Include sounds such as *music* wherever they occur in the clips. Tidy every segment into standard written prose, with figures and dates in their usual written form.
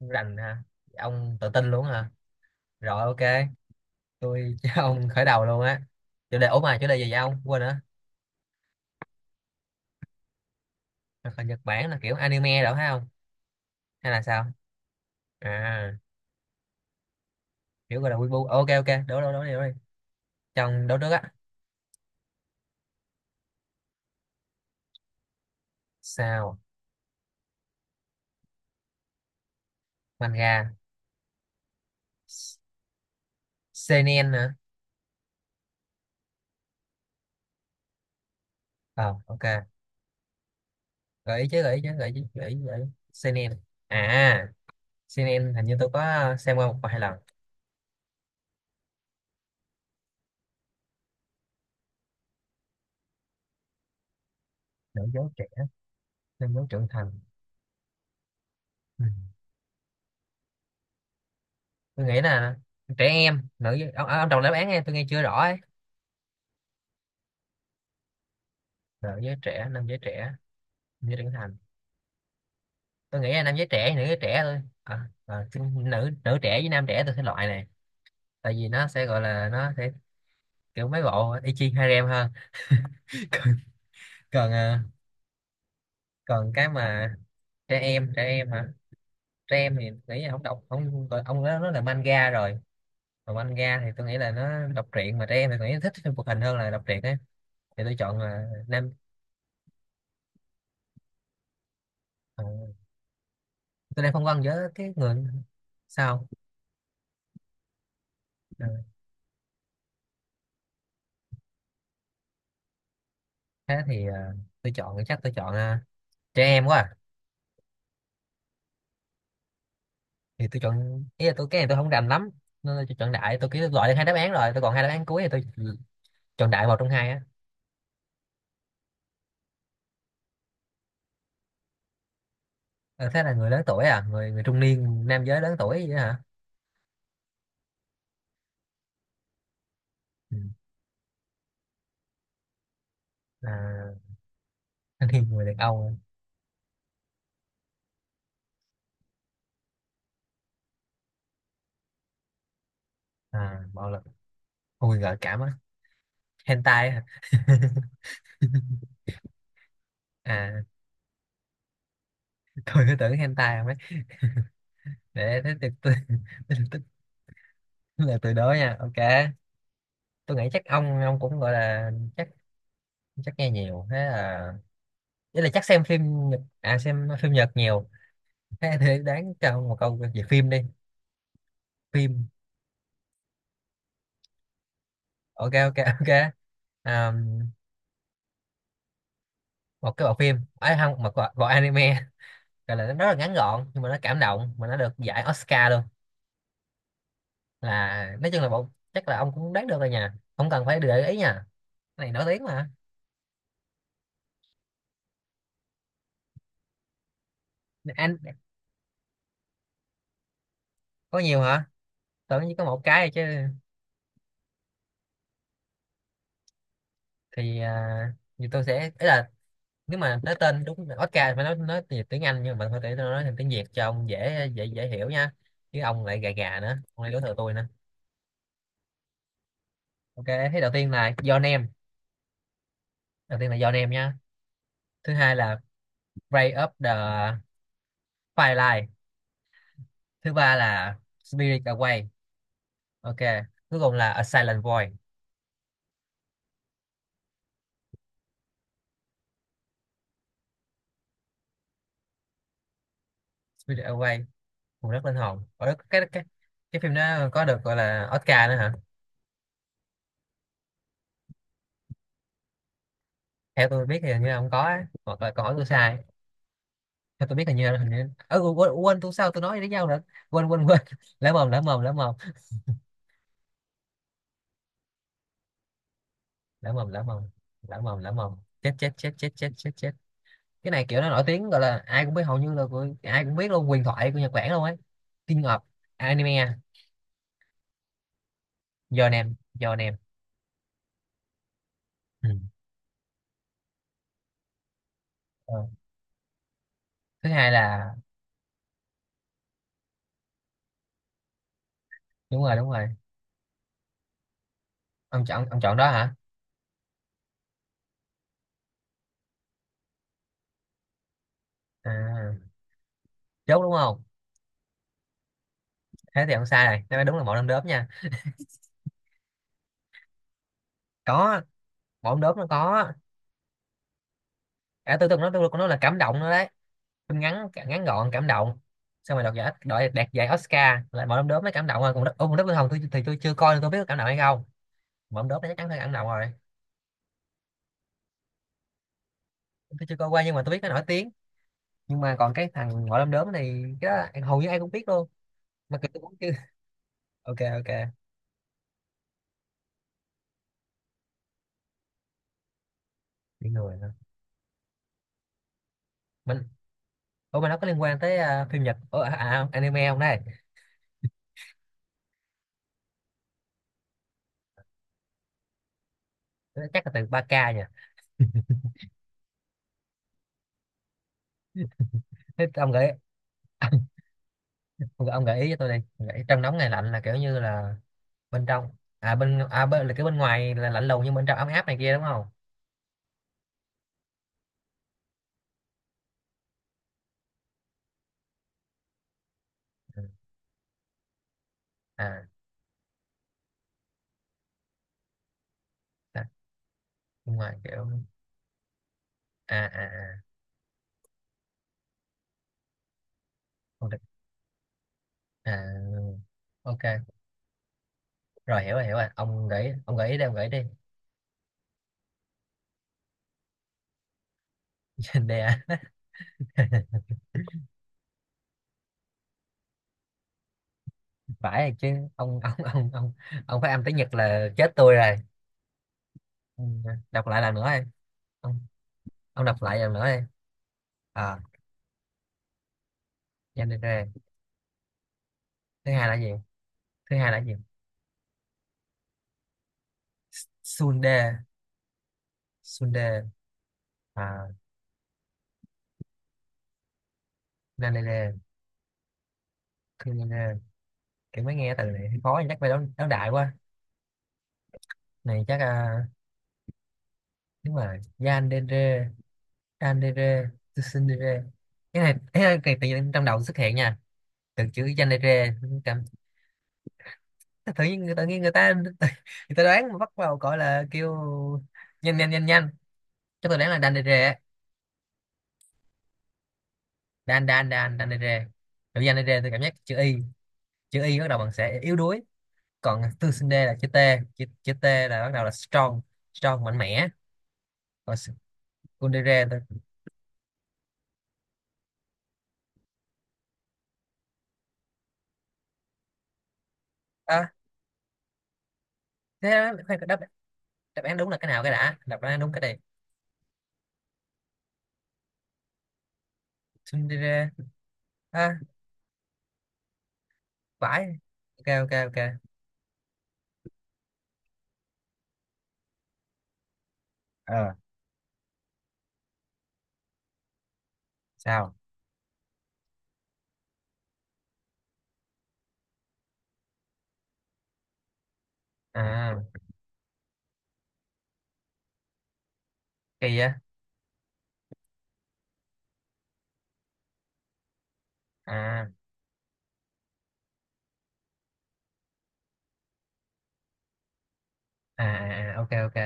Không rành hả? Ông tự tin luôn hả? Rồi, ok. Tôi *laughs* cho ông khởi đầu luôn á. Chủ đề, mà chủ đề gì vậy, ông quên nữa. Là Nhật Bản, là kiểu anime đó phải không, hay là sao? à Kiểu gọi là wibu. Ok ok, đố đố đi, cho ông đố trước á. Sao? Manga. S- seinen hả? Ờ ok. gợi ý chứ gợi ý chứ gợi ý chứ, gợi ý gợi ý. Seinen, à seinen hình như tôi có xem qua một vài lần. Nữ dấu trẻ. Nam dấu trưởng thành. Ừ. Tôi nghĩ là trẻ em, nữ giới- ông đọc đáp án nghe, tôi nghe chưa rõ ấy. Nữ giới trẻ, nam giới trẻ, như trưởng thành. Tôi nghĩ là nam giới trẻ, nữ giới trẻ thôi, chứ nữ nữ trẻ với nam trẻ tôi sẽ loại này. Tại vì nó sẽ gọi là, nó sẽ kiểu mấy bộ y chi harem hơn. *laughs* Còn, còn, à, còn cái mà trẻ em, trẻ em hả? Trẻ em thì tôi nghĩ là không đọc, không gọi- ông đó nó là manga rồi. Còn manga thì tôi nghĩ là nó đọc truyện, mà trẻ em thì tôi nghĩ thích phim hoạt hình hơn là đọc truyện ấy. Thì tôi chọn là nam. ờ, tôi đang phân vân với cái người. Sao? Ờ, thế thì tôi chọn, chắc tôi chọn, trẻ em quá à. Thì tôi chọn, ý là tôi cái này tôi không rành lắm, nên tôi chọn đại, tôi kêu loại được hai đáp án rồi, tôi còn hai đáp án cuối thì tôi chọn đại một trong hai á. Ờ, Thế là người lớn tuổi à, người người trung niên, nam giới lớn tuổi vậy hả? Ừ. à, Thanh niên, người đàn ông. À, bạo lực. Ui, gợi cảm á. Hentai hả? *laughs* À, tôi cứ tưởng hentai không ấy. Để thế thì tôi *laughs* tôi tôi- tôi là từ đó nha. Ok, tôi nghĩ chắc ông cũng gọi là, chắc, chắc nghe nhiều. Thế là ý là chắc xem phim Nhật, xem phim Nhật nhiều. Thế thì đáng cho một câu về phim đi. Phim, ok ok ok. à, Một cái bộ phim ấy, không, một bộ, bộ anime, gọi là nó rất là ngắn gọn nhưng mà nó cảm động, mà nó được giải Oscar luôn. Là nói chung là bộ, chắc là ông cũng đoán được rồi nha, không cần phải để ý nha, cái này nổi tiếng mà. Anh, có nhiều hả? Tưởng chỉ có một cái thôi chứ. Thì thì tôi sẽ, ý là nếu mà nói tên đúng là Oscar phải nói tiếng tiếng Anh, nhưng mà thôi để tôi nói thành tiếng Việt cho ông dễ dễ dễ hiểu nha, chứ ông lại gà gà nữa, ông lại đối thừa tôi nữa. Ok, thế đầu tiên là Your Name. Đầu tiên là Your Name nhá. Thứ hai là Break Up The Firelight. Thứ ba là Spirit Away. Ok, cuối cùng là A Silent Void. Spirit Away, vùng đất linh hồn. Ở đó cái phim đó có được gọi là Oscar nữa hả? Theo tôi biết thì hình như là không có á, hoặc là có tôi sai. Theo tôi biết hình như là, hình như, ơ, quên, quên, tôi sao tôi nói với nhau nữa. Quên quên quên. *laughs* Lỡ mồm lỡ mồm lỡ mồm lỡ mồm lỡ mồm lỡ mồm lỡ mồm Chết chết chết chết chết chết chết. Cái này kiểu nó nổi tiếng, gọi là ai cũng biết, hầu như là của, ai cũng biết luôn, huyền thoại của Nhật Bản luôn ấy. King of anime. Giờ nèm, giờ nèm. Ừ. Ờ. Thứ hai là đúng rồi, đúng rồi. Ông chọn, ông chọn đó hả? à, Chốt đúng không? Thế thì ông sai này, nó đúng là mẫu đom đóm nha. Có, mẫu đom đóm nó có cả tư tưởng, nó tôi của nó là cảm động nữa đấy. Phim ngắn, ngắn gọn, cảm động, xong rồi đoạt giải, đạt giải Oscar là mẫu đom đóm, mới cảm động rồi. Còn đất ông, đất Vương Hồng tôi thì tôi chưa coi, nên tôi biết có cảm động hay không. Mẫu đom đóm nó chắc chắn phải cảm động rồi. Tôi chưa coi qua nhưng mà tôi biết nó nổi tiếng, nhưng mà còn cái thằng ngõ đom đóm này cái đó, em- hầu như ai cũng biết luôn, mà kiểu tôi cũng chưa. *laughs* Ok ok. Bị người nữa. Mình, mà nó có liên quan tới, phim Nhật, anime không đây? Chắc là từ ba k nha. Thế ông gợi, ông, gợi- ông gợi ý cho tôi đi. Ông gợi ý trong nóng này lạnh là kiểu như là bên trong, bên, bên là cái, bên ngoài là lạnh lùng nhưng bên trong ấm áp này kia đúng không? Ừ. à Đó, bên ngoài kiểu, à à à không được. à ok, rồi hiểu, rồi hiểu rồi. Ông gợi ý- ông gợi ý đi, ông gợi ý đi. *laughs* Trên đây. à Phải chứ. Ông, *laughs* ông, ông phải âm tiếng Nhật là chết tôi rồi. Ừ, đọc lại lần nữa em. Ông ông đọc lại lần nữa em. À, Yanere. Thứ hai là gì? Thứ hai là gì? Sunde. Sunde. À, Nanere. Kunere. Kiểu mới nghe từ này thấy khó, chắc phải đấu, đấu đại quá. Này chắc, đúng rồi. Yanere, Yanere, Tsundere. Cái này, cái tự nhiên trong đầu xuất hiện nha, từ chữ Yanere. Tự nhiên người, tự nhiên người ta *laughs* người ta đoán, mà bắt vào gọi là kêu nhanh nhanh nhanh nhanh. Chắc tôi đoán là đàn đề rề á. Đàn đàn đàn đàn đề rề. Tự nhiên đề rề tôi cảm giác chữ y, chữ y bắt đầu bằng sẽ yếu đuối. Còn tư sinh đê là chữ t. Chữ t là bắt đầu là strong, strong mạnh mẽ. Còn s-, con đề rề tôi. à, Thế đó, khoan, đáp, đáp án đúng là cái nào? Cái đã, đáp án đúng cái này. Sinh đê rề. à, Phải. Ok ok ok. Ờ. Sao? À, kỳ á. à à ok ok.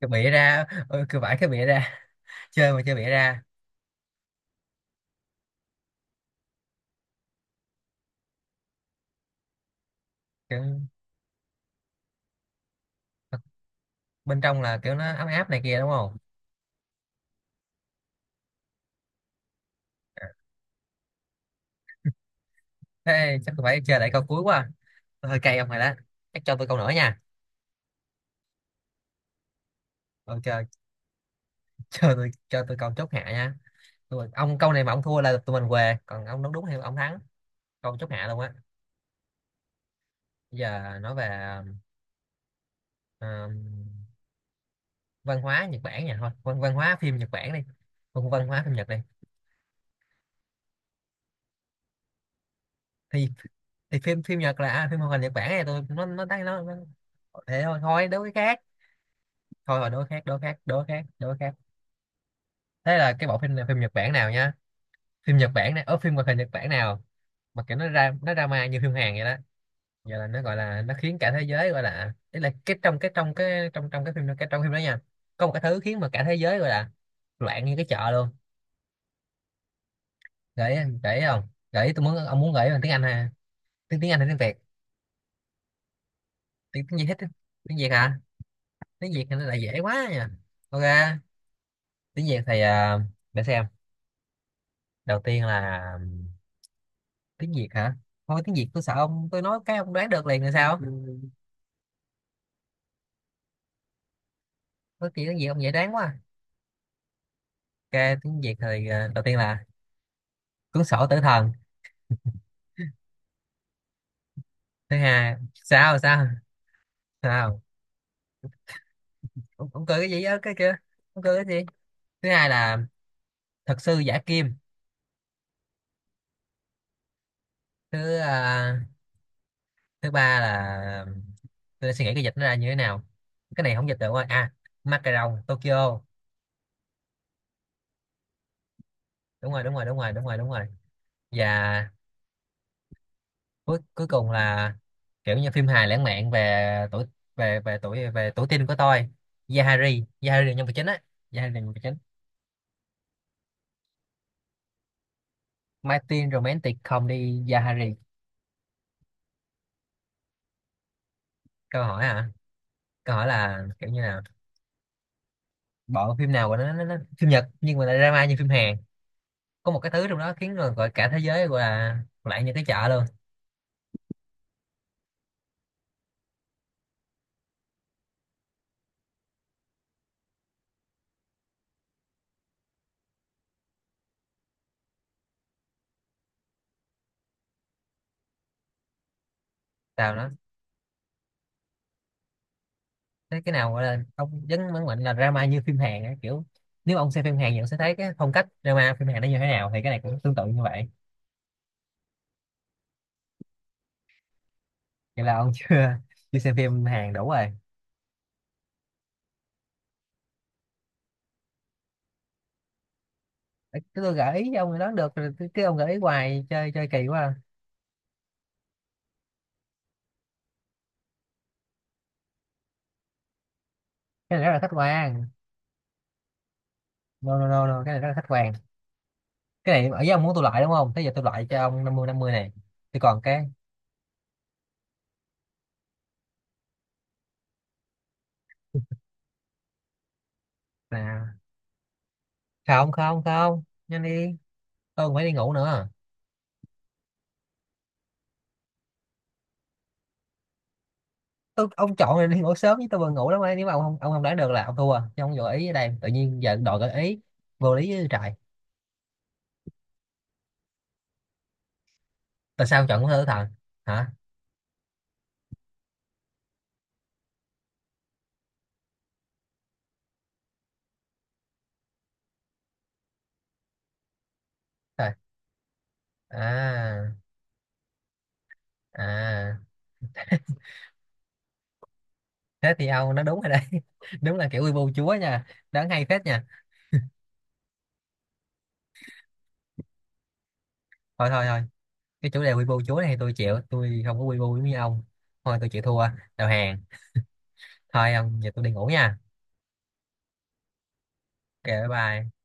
Cái bịa ra, ừ, cứ vải cái bịa ra. *laughs* Chơi mà chơi bịa ra. Kiểu, bên trong là kiểu nó ấm áp này kia đúng không? À, thế chắc tôi phải chơi lại câu cuối quá. Tôi hơi cay ông rồi đó. Chắc cho tôi câu nữa nha. Ok, cho tôi, cho tôi câu chốt hạ nha. Tôi, ông câu này mà ông thua là tụi mình què, còn ông đúng, đúng thì ông thắng. Câu chốt hạ luôn á. Bây giờ nói về, ờm, văn hóa Nhật Bản nha, thôi văn văn hóa phim Nhật Bản đi. Văn Văn hóa phim Nhật đi. thì thì phim, phim Nhật là, phim hoạt hình Nhật Bản này. Tôi nó thế thôi, thôi đối với khác. Thôi rồi, đố khác, đố khác. Thế là cái bộ phim này phim Nhật Bản nào nhá? Phim Nhật Bản này ở phim hoạt hình Nhật Bản nào mà kiểu nó ra nó drama như phim Hàn vậy đó. Giờ là nó gọi là nó khiến cả thế giới gọi là, ý là cái trong cái trong, cái phim, trong phim đó nha, có một cái thứ khiến mà cả thế giới gọi là loạn như cái chợ luôn. Gợi ý, gợi ý không? Gợi ý tôi muốn, ông muốn gợi ý bằng tiếng Anh ha, tiếng tiếng Anh hay tiếng Việt? Tiếng, gì hết? Tiếng Việt hả? Tiếng Việt thì nó lại dễ quá nha. Ok, tiếng Việt thì, để xem. Đầu tiên là, tiếng Việt hả? Thôi tiếng Việt tôi sợ ông, tôi nói cái ông đoán được liền là sao. Nói chuyện tiếng Việt ông dễ đoán quá. Ok, tiếng Việt thì, đầu tiên là cuốn sổ tử thần. Thứ hai, sao sao sao? Ông cười cái gì á cái kia? Ông cười cái gì? Thứ hai là thật sư giả kim. thứ ờ, Thứ ba là, tôi đang suy nghĩ cái dịch nó ra như thế nào. Cái này không dịch được rồi. Macaron Tokyo. Đúng rồi, đúng rồi. Và cuối, cuối cùng là kiểu như phim hài lãng mạn về tuổi, về, về tuổi teen của tôi. Yahari, Yahari là nhân vật chính á. Yahari là nhân vật chính. My Teen Romantic Comedy Yahari. Câu hỏi hả? Câu hỏi là kiểu như là bộ phim nào của nó, nó phim Nhật nhưng mà lại drama như phim Hàn, có một cái thứ trong đó khiến người gọi cả thế giới gọi là, lại như cái chợ luôn. Tào nó. Thế cái nào gọi là ông dấn mấn mạnh là drama như phim Hàn á, kiểu nếu ông xem phim Hàn thì ông sẽ thấy cái phong cách drama phim Hàn nó như thế nào, thì cái này cũng tương tự như vậy. Vậy là ông chưa *laughs* chưa xem phim Hàn đủ rồi. Ê, cái tôi gợi ý cho ông đó được rồi, cái ông gợi ý hoài, chơi, chơi kỳ quá à. Cái này rất là khách quan. No no no, no. Cái này rất là khách quan. Cái này ở với ông muốn tôi loại đúng không? Thế giờ tôi loại cho ông 50-50 này. Thì còn cái là. Không, không. Nhanh đi, tôi còn phải đi ngủ nữa. Tôi, ông chọn này đi ngủ sớm chứ tôi vừa ngủ lắm ấy. Nếu mà ông không, ông không đoán được là ông thua, chứ ông gợi ý ở đây tự nhiên giờ đòi gợi ý, vô lý với trời. Tại sao ông chọn của thơ tử thần? Hả? Trời. À. À, thế thì ông nó đúng rồi đấy. *laughs* Đúng là kiểu quy bu chúa nha. Đáng hay phết nha. Thôi thôi thôi, cái chủ đề quy bu chúa này thì tôi chịu, tôi không có quy bu giống như ông. Thôi tôi chịu thua, đầu hàng. Thôi ông, giờ tôi đi ngủ nha. Ok bye bye.